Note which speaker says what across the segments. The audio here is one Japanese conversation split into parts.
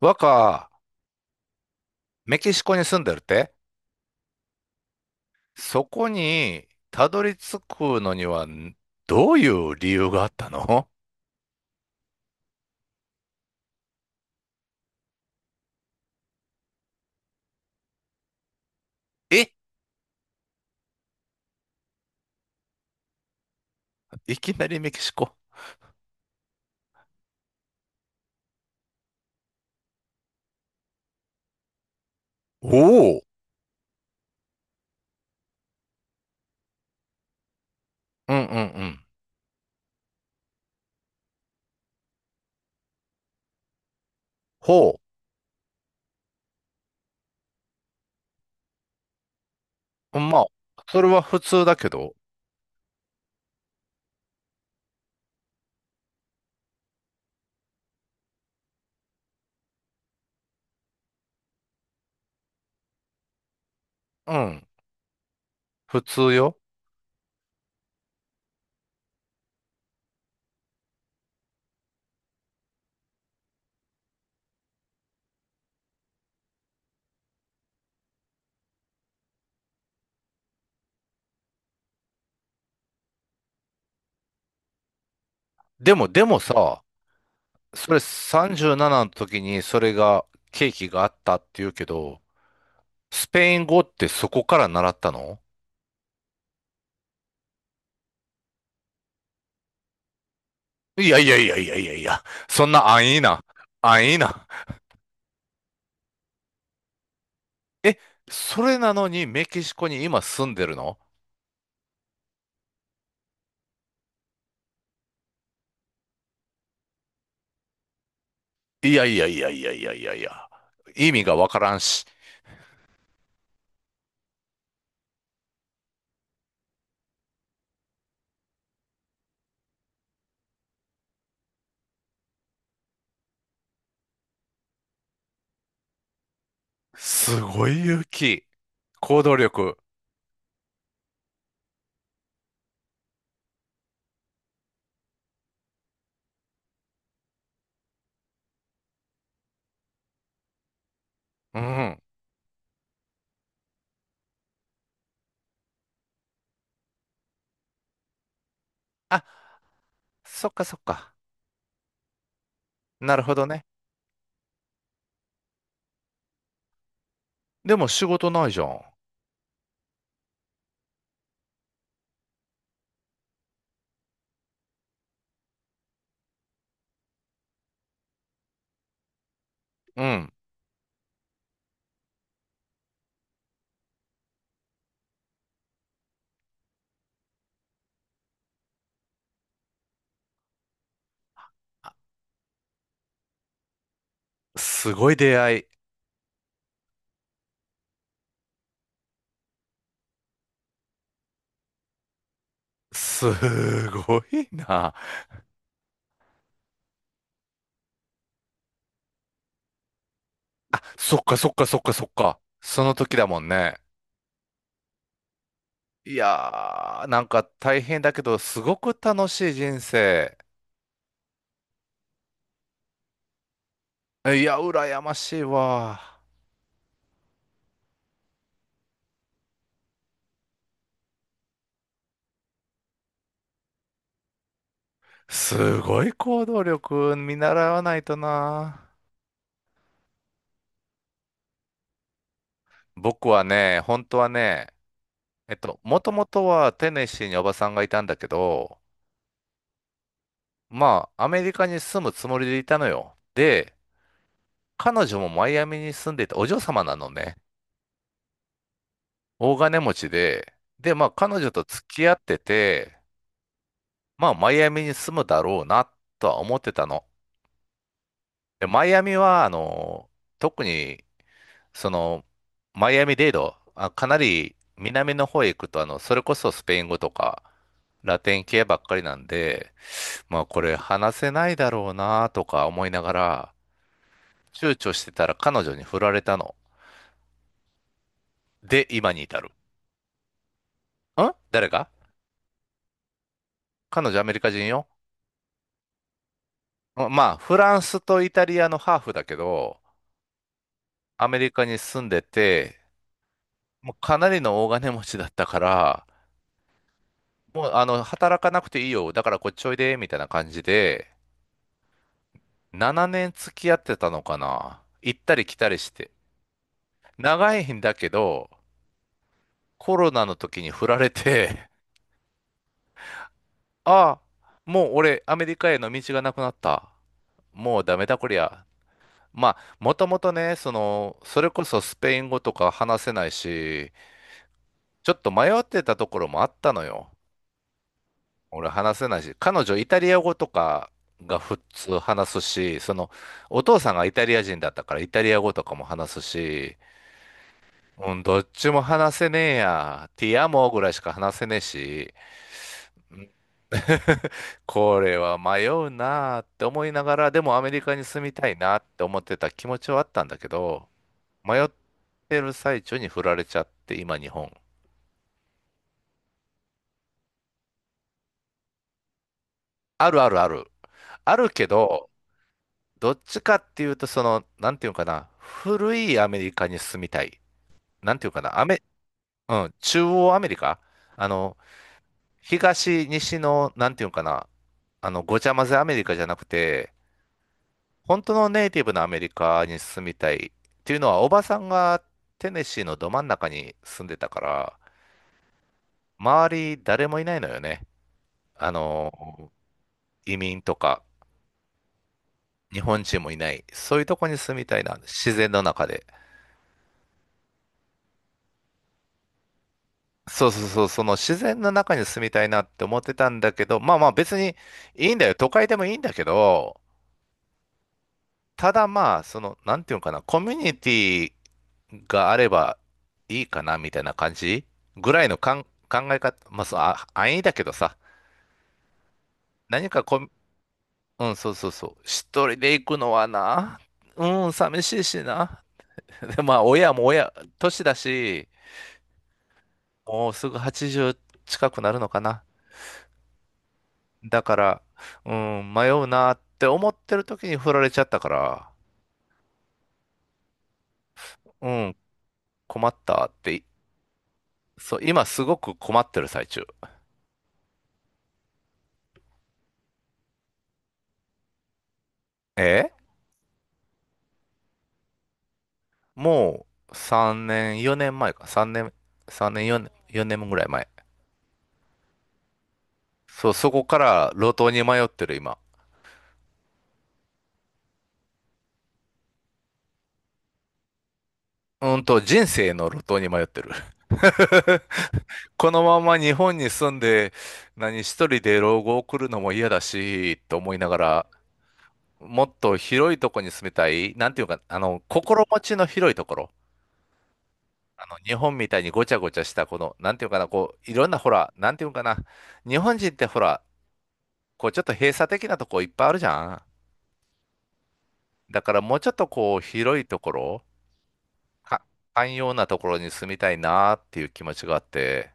Speaker 1: 若、メキシコに住んでるって、そこにたどり着くのにはどういう理由があったの？え、いきなりメキシコ。おお。うんうんうん。ほう。まあ、それは普通だけど。うん、普通よ。でもさ、それ37の時にそれが、ケーキがあったって言うけど、スペイン語ってそこから習ったの？いやいやいやいやいやいや、そんな安易な、安易な。え、それなのにメキシコに今住んでるの？いやいやいやいやいやいやいや。意味がわからんし。すごい勇気。行動力。うん。あ、そっかそっか。なるほどね。でも仕事ないじゃん。うん。すごい出会い。すごいな。あ、そっかそっかそっかそっか。その時だもんね。いやー、なんか大変だけど、すごく楽しい人生。いや、羨ましいわ。すごい行動力見習わないとな。僕はね、本当はね、もともとはテネシーにおばさんがいたんだけど、まあ、アメリカに住むつもりでいたのよ。で、彼女もマイアミに住んでて、お嬢様なのね。大金持ちで、で、まあ、彼女と付き合ってて、まあ、マイアミに住むだろうな、とは思ってたの。で、マイアミは、特にその、マイアミデード、あ、かなり南の方へ行くと、それこそスペイン語とか、ラテン系ばっかりなんで、まあこれ話せないだろうなとか思いながら、躊躇してたら彼女に振られたの。で、今に至る。ん？誰が？彼女アメリカ人よ。まあ、フランスとイタリアのハーフだけど、アメリカに住んでて、もうかなりの大金持ちだったから、もう働かなくていいよ。だからこっちおいで、みたいな感じで、7年付き合ってたのかな、行ったり来たりして。長いんだけど、コロナの時に振られて、ああ、もう俺アメリカへの道がなくなった。もうダメだこりゃ。まあ、もともとね、その、それこそスペイン語とか話せないし、ちょっと迷ってたところもあったのよ。俺話せないし、彼女イタリア語とかが普通話すし、その、お父さんがイタリア人だったからイタリア語とかも話すし、うん、どっちも話せねえや。ティアモぐらいしか話せねえし、これは迷うなあって思いながら、でもアメリカに住みたいなって思ってた気持ちはあったんだけど、迷ってる最中に振られちゃって、今日本。あるあるある。あるけど、どっちかっていうと、その、なんていうのかな、古いアメリカに住みたい。なんていうのかな、アメ、うん、中央アメリカあの、東、西の、なんていうのかな、ごちゃ混ぜアメリカじゃなくて、本当のネイティブのアメリカに住みたいっていうのは、おばさんがテネシーのど真ん中に住んでたから、周り誰もいないのよね。あの、移民とか日本人もいない。そういうとこに住みたいな。自然の中で。そうそうそう、その自然の中に住みたいなって思ってたんだけど、まあまあ別にいいんだよ。都会でもいいんだけど、ただまあ、その、なんていうのかな、コミュニティがあればいいかなみたいな感じぐらいの考え方、まあ、そう、あ、安易だけどさ、何かコミ、うん、そうそうそう、一人で行くのはな、うん、寂しいしな。で、まあ、親も親、年だし、もうすぐ80近くなるのかな。だから、うん、迷うなって思ってる時に振られちゃったから、うん、困ったって、そう、今すごく困ってる最中。え？もう3年、4年前か。3年、3年、4年、4年ぐらい前。そう、そこから路頭に迷ってる今。うんと、人生の路頭に迷ってる。このまま日本に住んで、何一人で老後を送るのも嫌だし、と思いながら、もっと広いとこに住みたい。なんていうか、あの、心持ちの広いところ。あの、日本みたいにごちゃごちゃした、この、なんていうかな、こう、いろんな、ほら、なんていうかな。日本人ってほら、こう、ちょっと閉鎖的なとこいっぱいあるじゃん。だからもうちょっとこう広いところ、か寛容なところに住みたいなっていう気持ちがあって、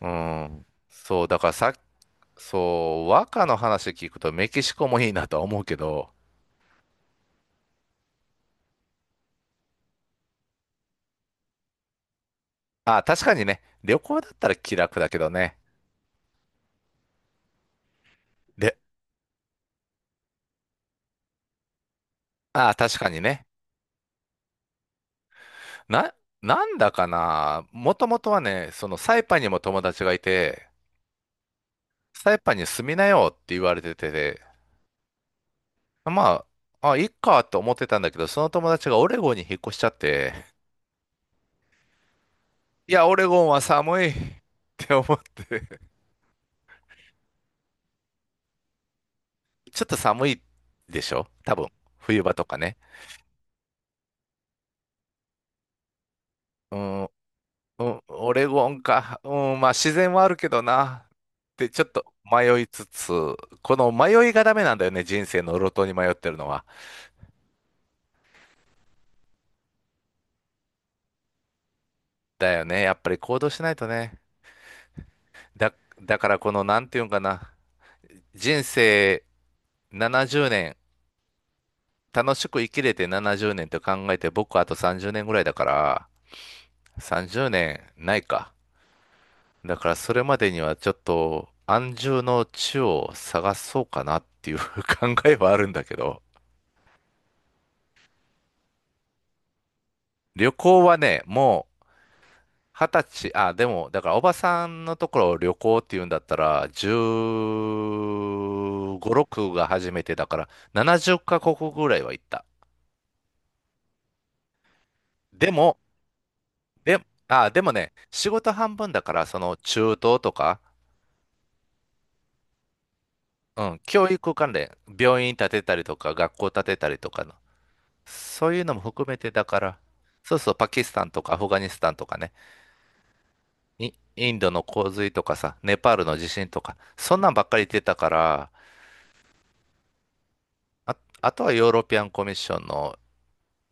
Speaker 1: うん。そう、だからさ、そう、和歌の話聞くとメキシコもいいなとは思うけど、あ、確かにね、旅行だったら気楽だけどね。で、あ、確かにね。な、なんだかな、もともとはね、そのサイパンにも友達がいて、サイパンに住みなよって言われてて、まあ、あ、いっかと思ってたんだけど、その友達がオレゴンに引っ越しちゃって、いや、オレゴンは寒い って思って。ちょっと寒いでしょ多分。冬場とかね。うん、うん、オレゴンか。うん、まあ自然はあるけどな。ってちょっと迷いつつ、この迷いがダメなんだよね。人生の路頭に迷ってるのは。だよね。やっぱり行動しないとね。だ、だからこの、なんていうんかな。人生70年、楽しく生きれて70年って考えて、僕あと30年ぐらいだから、30年ないか。だからそれまでにはちょっと安住の地を探そうかなっていう 考えはあるんだけど、旅行はね、もう二十歳、あ、でも、だからおばさんのところを旅行っていうんだったら、15、6が初めてだから、70カ国ぐらいは行った。でも、で、あ、でもね、仕事半分だから、その中東とか、うん、教育関連、病院建てたりとか、学校建てたりとかの、そういうのも含めてだから、そうそう、パキスタンとかアフガニスタンとかね、インドの洪水とかさ、ネパールの地震とか、そんなんばっかり言ってたから、あ、あとはヨーロピアンコミッションの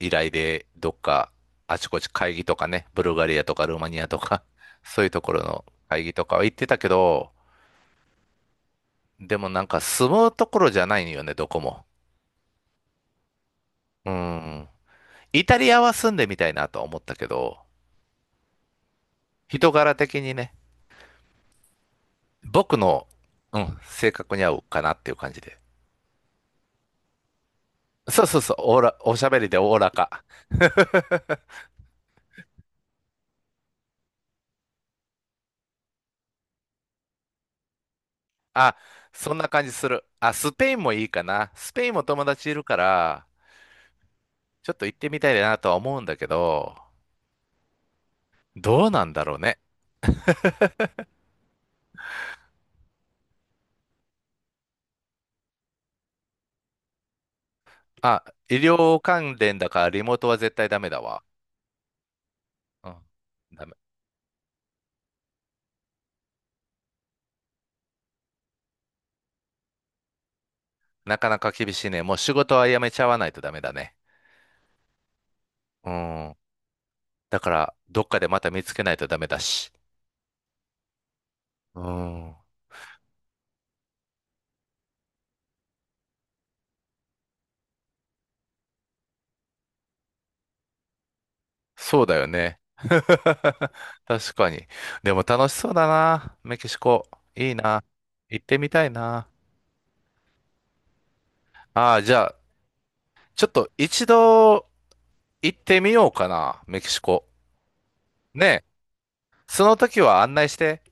Speaker 1: 依頼で、どっかあちこち会議とかね、ブルガリアとかルーマニアとか、そういうところの会議とかは行ってたけど、でもなんか住むところじゃないよね、どこも。うん。イタリアは住んでみたいなとは思ったけど、人柄的にね、僕の、うん、性格に合うかなっていう感じで。そうそうそう、おしゃべりでおおらか。あ、そんな感じする。あ、スペインもいいかな。スペインも友達いるから、ちょっと行ってみたいなとは思うんだけど、どうなんだろうね。あ、医療関連だからリモートは絶対ダメだわ。うん、ダメ。なかなか厳しいね。もう仕事は辞めちゃわないとダメだね。うん。だから、どっかでまた見つけないとダメだし。うん。そうだよね。確かに。でも楽しそうだな。メキシコ。いいな。行ってみたいな。ああ、じゃあ、ちょっと一度行ってみようかな。メキシコ。ねえ。その時は案内して。